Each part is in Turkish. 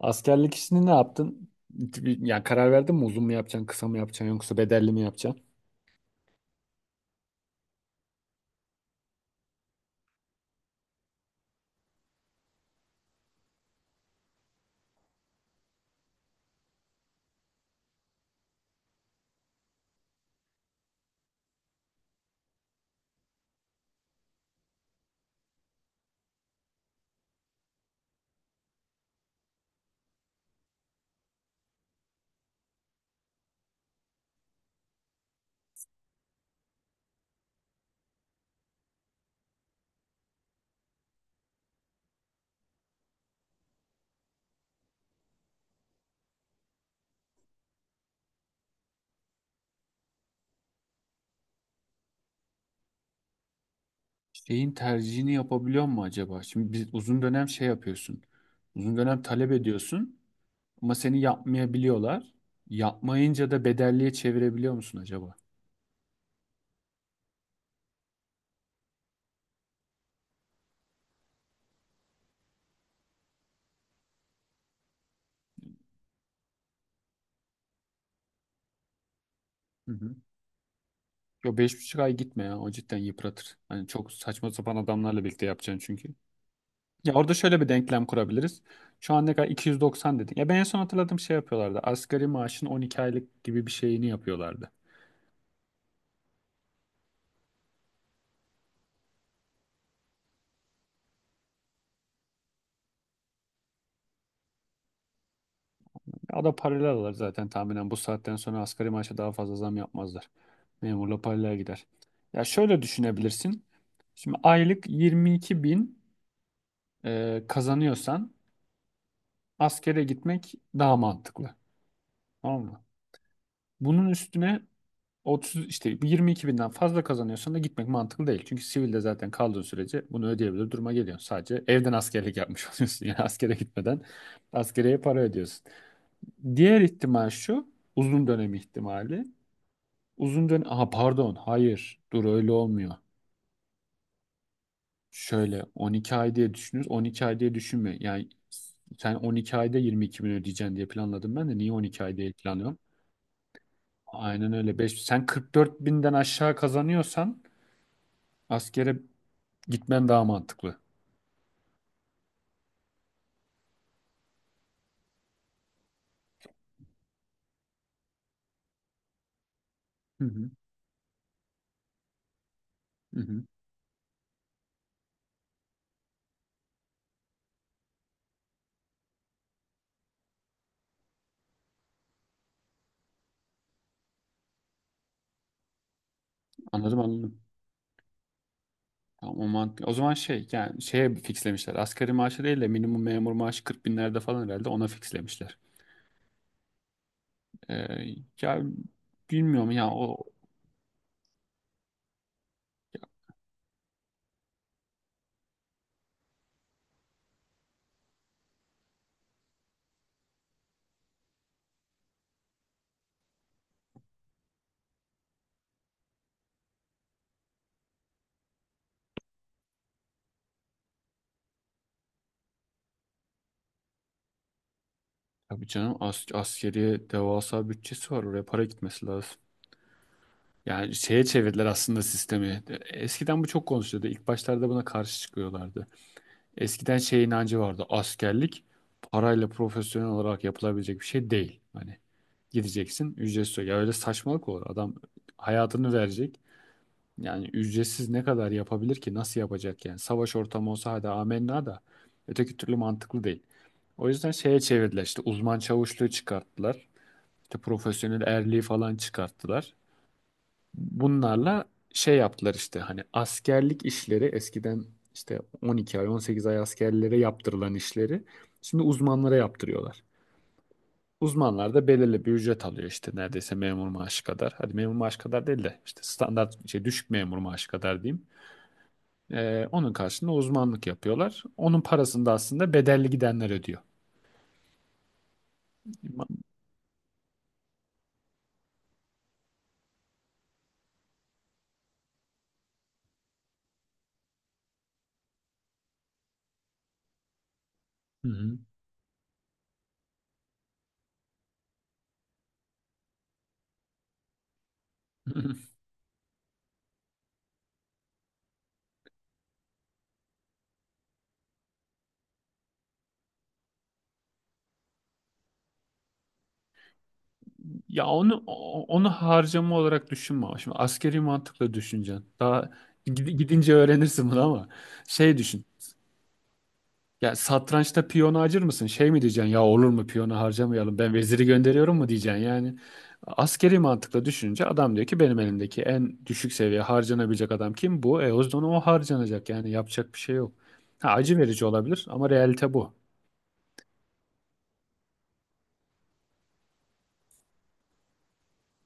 Askerlik işini ne yaptın? Yani karar verdin mi, uzun mu yapacaksın, kısa mı yapacaksın yoksa bedelli mi yapacaksın? Şeyin tercihini yapabiliyor mu acaba? Şimdi biz uzun dönem şey yapıyorsun. Uzun dönem talep ediyorsun ama seni yapmayabiliyorlar. Yapmayınca da bedelliye çevirebiliyor musun acaba? Hı hı. Yo, beş buçuk ay gitme ya. O cidden yıpratır. Hani çok saçma sapan adamlarla birlikte yapacaksın çünkü. Ya orada şöyle bir denklem kurabiliriz. Şu an ne kadar, 290 dedin. Ya ben en son hatırladığım şey yapıyorlardı. Asgari maaşın 12 aylık gibi bir şeyini yapıyorlardı. Ya o da paralel alır zaten tahminen. Bu saatten sonra asgari maaşa daha fazla zam yapmazlar. Memurla paralel gider. Ya şöyle düşünebilirsin. Şimdi aylık 22 bin kazanıyorsan askere gitmek daha mantıklı. Tamam mı? Bunun üstüne 30, işte 22 binden fazla kazanıyorsan da gitmek mantıklı değil. Çünkü sivilde zaten kaldığın sürece bunu ödeyebilir duruma geliyorsun. Sadece evden askerlik yapmış oluyorsun. Yani askere gitmeden askereye para ödüyorsun. Diğer ihtimal şu: uzun dönem ihtimali. Uzun dönem... Aha, pardon. Hayır. Dur, öyle olmuyor. Şöyle 12 ay diye düşünürüz. 12 ay diye düşünme. Yani sen 12 ayda 22 bin ödeyeceksin diye planladım ben de. Niye 12 ay değil planlıyorum? Aynen öyle. 5, sen 44 binden aşağı kazanıyorsan askere gitmen daha mantıklı. Hı hı. Hı hı. Anladım, anladım. Tamam, o mantıklı. O zaman şey, yani şeye fixlemişler. Asgari maaşı değil de minimum memur maaşı 40 binlerde falan herhalde, ona fixlemişler. Ee, ya bilmiyorum ya o... Tabii canım, as askeriye devasa bütçesi var. Oraya para gitmesi lazım. Yani şeye çevirdiler aslında sistemi. Eskiden bu çok konuşuluyordu. İlk başlarda buna karşı çıkıyorlardı. Eskiden şey inancı vardı. Askerlik parayla profesyonel olarak yapılabilecek bir şey değil. Hani gideceksin, ücretsiz. Ya öyle saçmalık olur. Adam hayatını verecek. Yani ücretsiz ne kadar yapabilir ki? Nasıl yapacak yani? Savaş ortamı olsa hadi amenna da öteki türlü mantıklı değil. O yüzden şeye çevirdiler işte, uzman çavuşluğu çıkarttılar. İşte profesyonel erliği falan çıkarttılar. Bunlarla şey yaptılar işte, hani askerlik işleri eskiden işte 12 ay 18 ay askerlere yaptırılan işleri şimdi uzmanlara yaptırıyorlar. Uzmanlar da belirli bir ücret alıyor işte, neredeyse memur maaşı kadar. Hadi memur maaşı kadar değil de işte standart şey, düşük memur maaşı kadar diyeyim. Onun karşılığında uzmanlık yapıyorlar. Onun parasını da aslında bedelli gidenler ödüyor. Hı hı. Ya onu onu harcama olarak düşünme ama. Şimdi askeri mantıkla düşüneceksin. Daha gidince öğrenirsin bunu, ama şey düşün. Ya satrançta piyonu acır mısın? Şey mi diyeceksin? Ya olur mu, piyonu harcamayalım, ben veziri gönderiyorum mu diyeceksin yani. Askeri mantıkla düşününce adam diyor ki benim elimdeki en düşük seviye harcanabilecek adam kim? Bu. E o zaman o harcanacak. Yani yapacak bir şey yok. Ha, acı verici olabilir ama realite bu.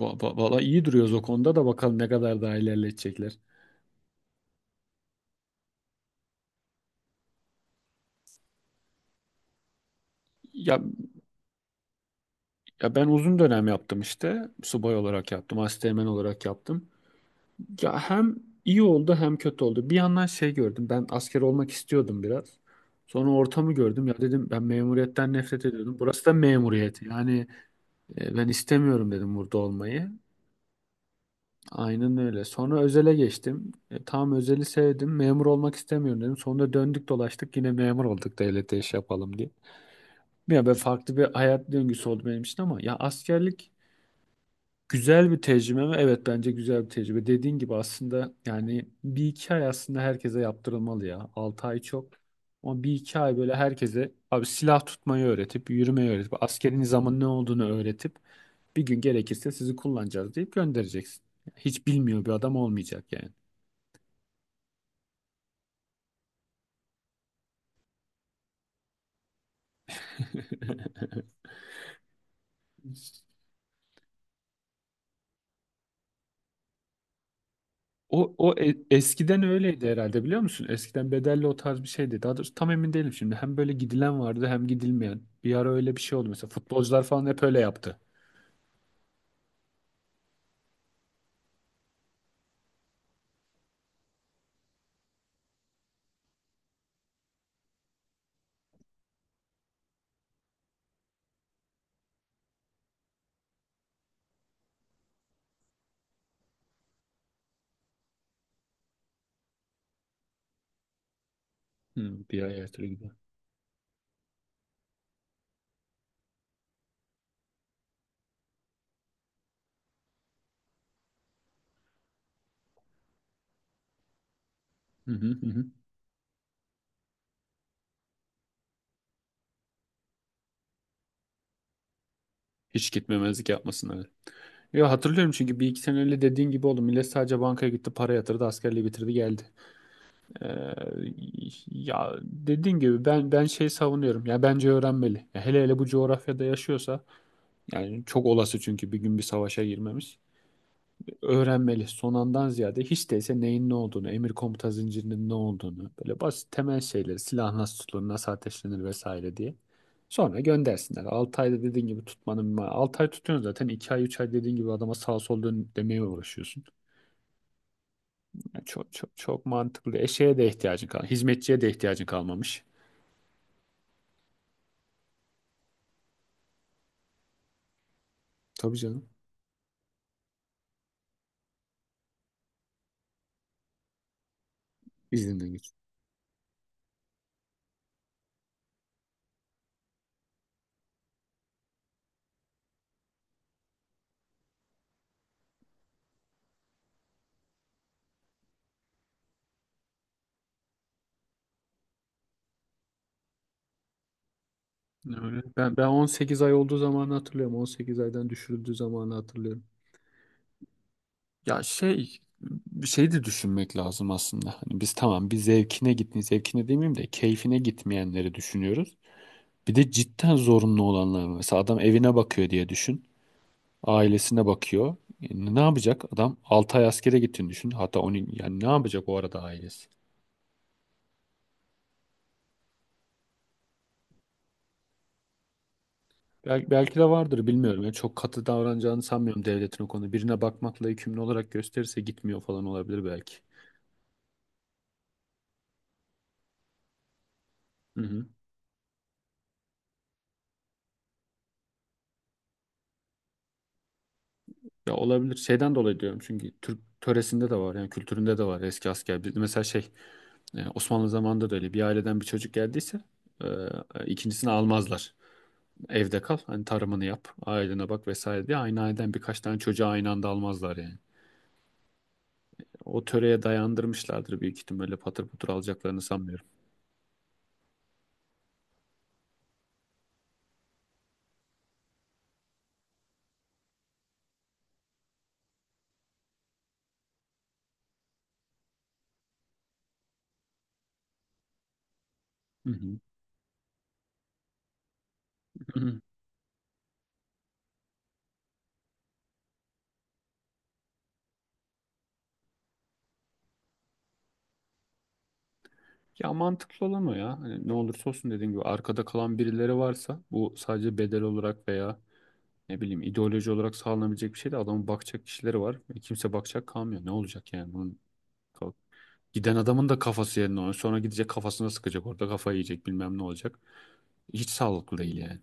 Valla iyi duruyoruz o konuda da, bakalım ne kadar daha ilerletecekler. Ya Ya ben uzun dönem yaptım işte. Subay olarak yaptım, asteğmen olarak yaptım. Ya hem iyi oldu hem kötü oldu. Bir yandan şey gördüm. Ben asker olmak istiyordum biraz. Sonra ortamı gördüm. Ya dedim, ben memuriyetten nefret ediyordum. Burası da memuriyet. Yani ben istemiyorum dedim burada olmayı. Aynen öyle. Sonra özele geçtim. E, tam özeli sevdim. Memur olmak istemiyorum dedim. Sonra döndük dolaştık yine memur olduk, devlete iş yapalım diye. Ya ben, farklı bir hayat döngüsü oldu benim için, ama ya askerlik güzel bir tecrübe mi? Evet, bence güzel bir tecrübe. Dediğin gibi aslında yani bir iki ay aslında herkese yaptırılmalı ya. Altı ay çok. Ama bir iki ay böyle herkese, abi, silah tutmayı öğretip, yürümeyi öğretip, askerin zaman ne olduğunu öğretip bir gün gerekirse sizi kullanacağız deyip göndereceksin. Hiç bilmiyor bir adam olmayacak yani. O, eskiden öyleydi herhalde, biliyor musun? Eskiden bedelli o tarz bir şeydi. Daha doğrusu tam emin değilim şimdi. Hem böyle gidilen vardı hem gidilmeyen. Bir ara öyle bir şey oldu. Mesela futbolcular falan hep öyle yaptı. Hı, bir ay ertele gidiyor. Hı hı hı. Hı. Hiç gitmemezlik yapmasınlar. Ya hatırlıyorum çünkü bir iki sene öyle dediğin gibi oldu. Millet sadece bankaya gitti, para yatırdı, askerliği bitirdi, geldi. Ee, ya dediğin gibi ben şey savunuyorum. Ya bence öğrenmeli. Ya hele hele bu coğrafyada yaşıyorsa, yani çok olası çünkü bir gün bir savaşa girmemiz. Öğrenmeli. Son andan ziyade hiç değilse neyin ne olduğunu, emir komuta zincirinin ne olduğunu, böyle basit temel şeyleri, silah nasıl tutulur, nasıl ateşlenir vesaire diye. Sonra göndersinler. 6 ayda dediğin gibi tutmanın, 6 ay tutuyorsun zaten, 2 ay 3 ay dediğin gibi adama sağ sol dön demeye uğraşıyorsun. Yani çok çok çok mantıklı. Eşeğe de ihtiyacın kal, hizmetçiye de ihtiyacın kalmamış. Tabii canım. İzninden geç. Öyle. Ben 18 ay olduğu zamanı hatırlıyorum. 18 aydan düşürüldüğü zamanı hatırlıyorum. Ya şey, bir şey de düşünmek lazım aslında. Hani biz tamam, bir zevkine gitmeyi, zevkine demeyeyim de keyfine gitmeyenleri düşünüyoruz. Bir de cidden zorunlu olanlar var. Mesela adam evine bakıyor diye düşün. Ailesine bakıyor. E, ne yapacak? Adam 6 ay askere gittiğini düşün. Hatta onu, yani ne yapacak o arada ailesi? Belki, belki de vardır, bilmiyorum. Yani çok katı davranacağını sanmıyorum devletin o konuda. Birine bakmakla yükümlü olarak gösterirse gitmiyor falan olabilir belki. Ya olabilir. Şeyden dolayı diyorum çünkü Türk töresinde de var yani, kültüründe de var eski asker. Mesela şey, Osmanlı zamanında da öyle bir aileden bir çocuk geldiyse e, ikincisini almazlar. Evde kal, hani tarımını yap, ailene bak vesaire diye, aynı aileden birkaç tane çocuğu aynı anda almazlar yani. O töreye dayandırmışlardır büyük ihtimalle, öyle patır patır alacaklarını sanmıyorum. Hı hı. Hı hı. Ya mantıklı olan o ya. Hani ne olursa olsun, dediğim gibi, arkada kalan birileri varsa, bu sadece bedel olarak veya ne bileyim ideoloji olarak sağlanabilecek bir şey de, adamın bakacak kişileri var ve kimse bakacak kalmıyor. Ne olacak yani bunun ka- giden adamın da kafası yerine oynuyor. Sonra gidecek, kafasına sıkacak orada, kafayı yiyecek bilmem ne olacak. Hiç sağlıklı değil yani.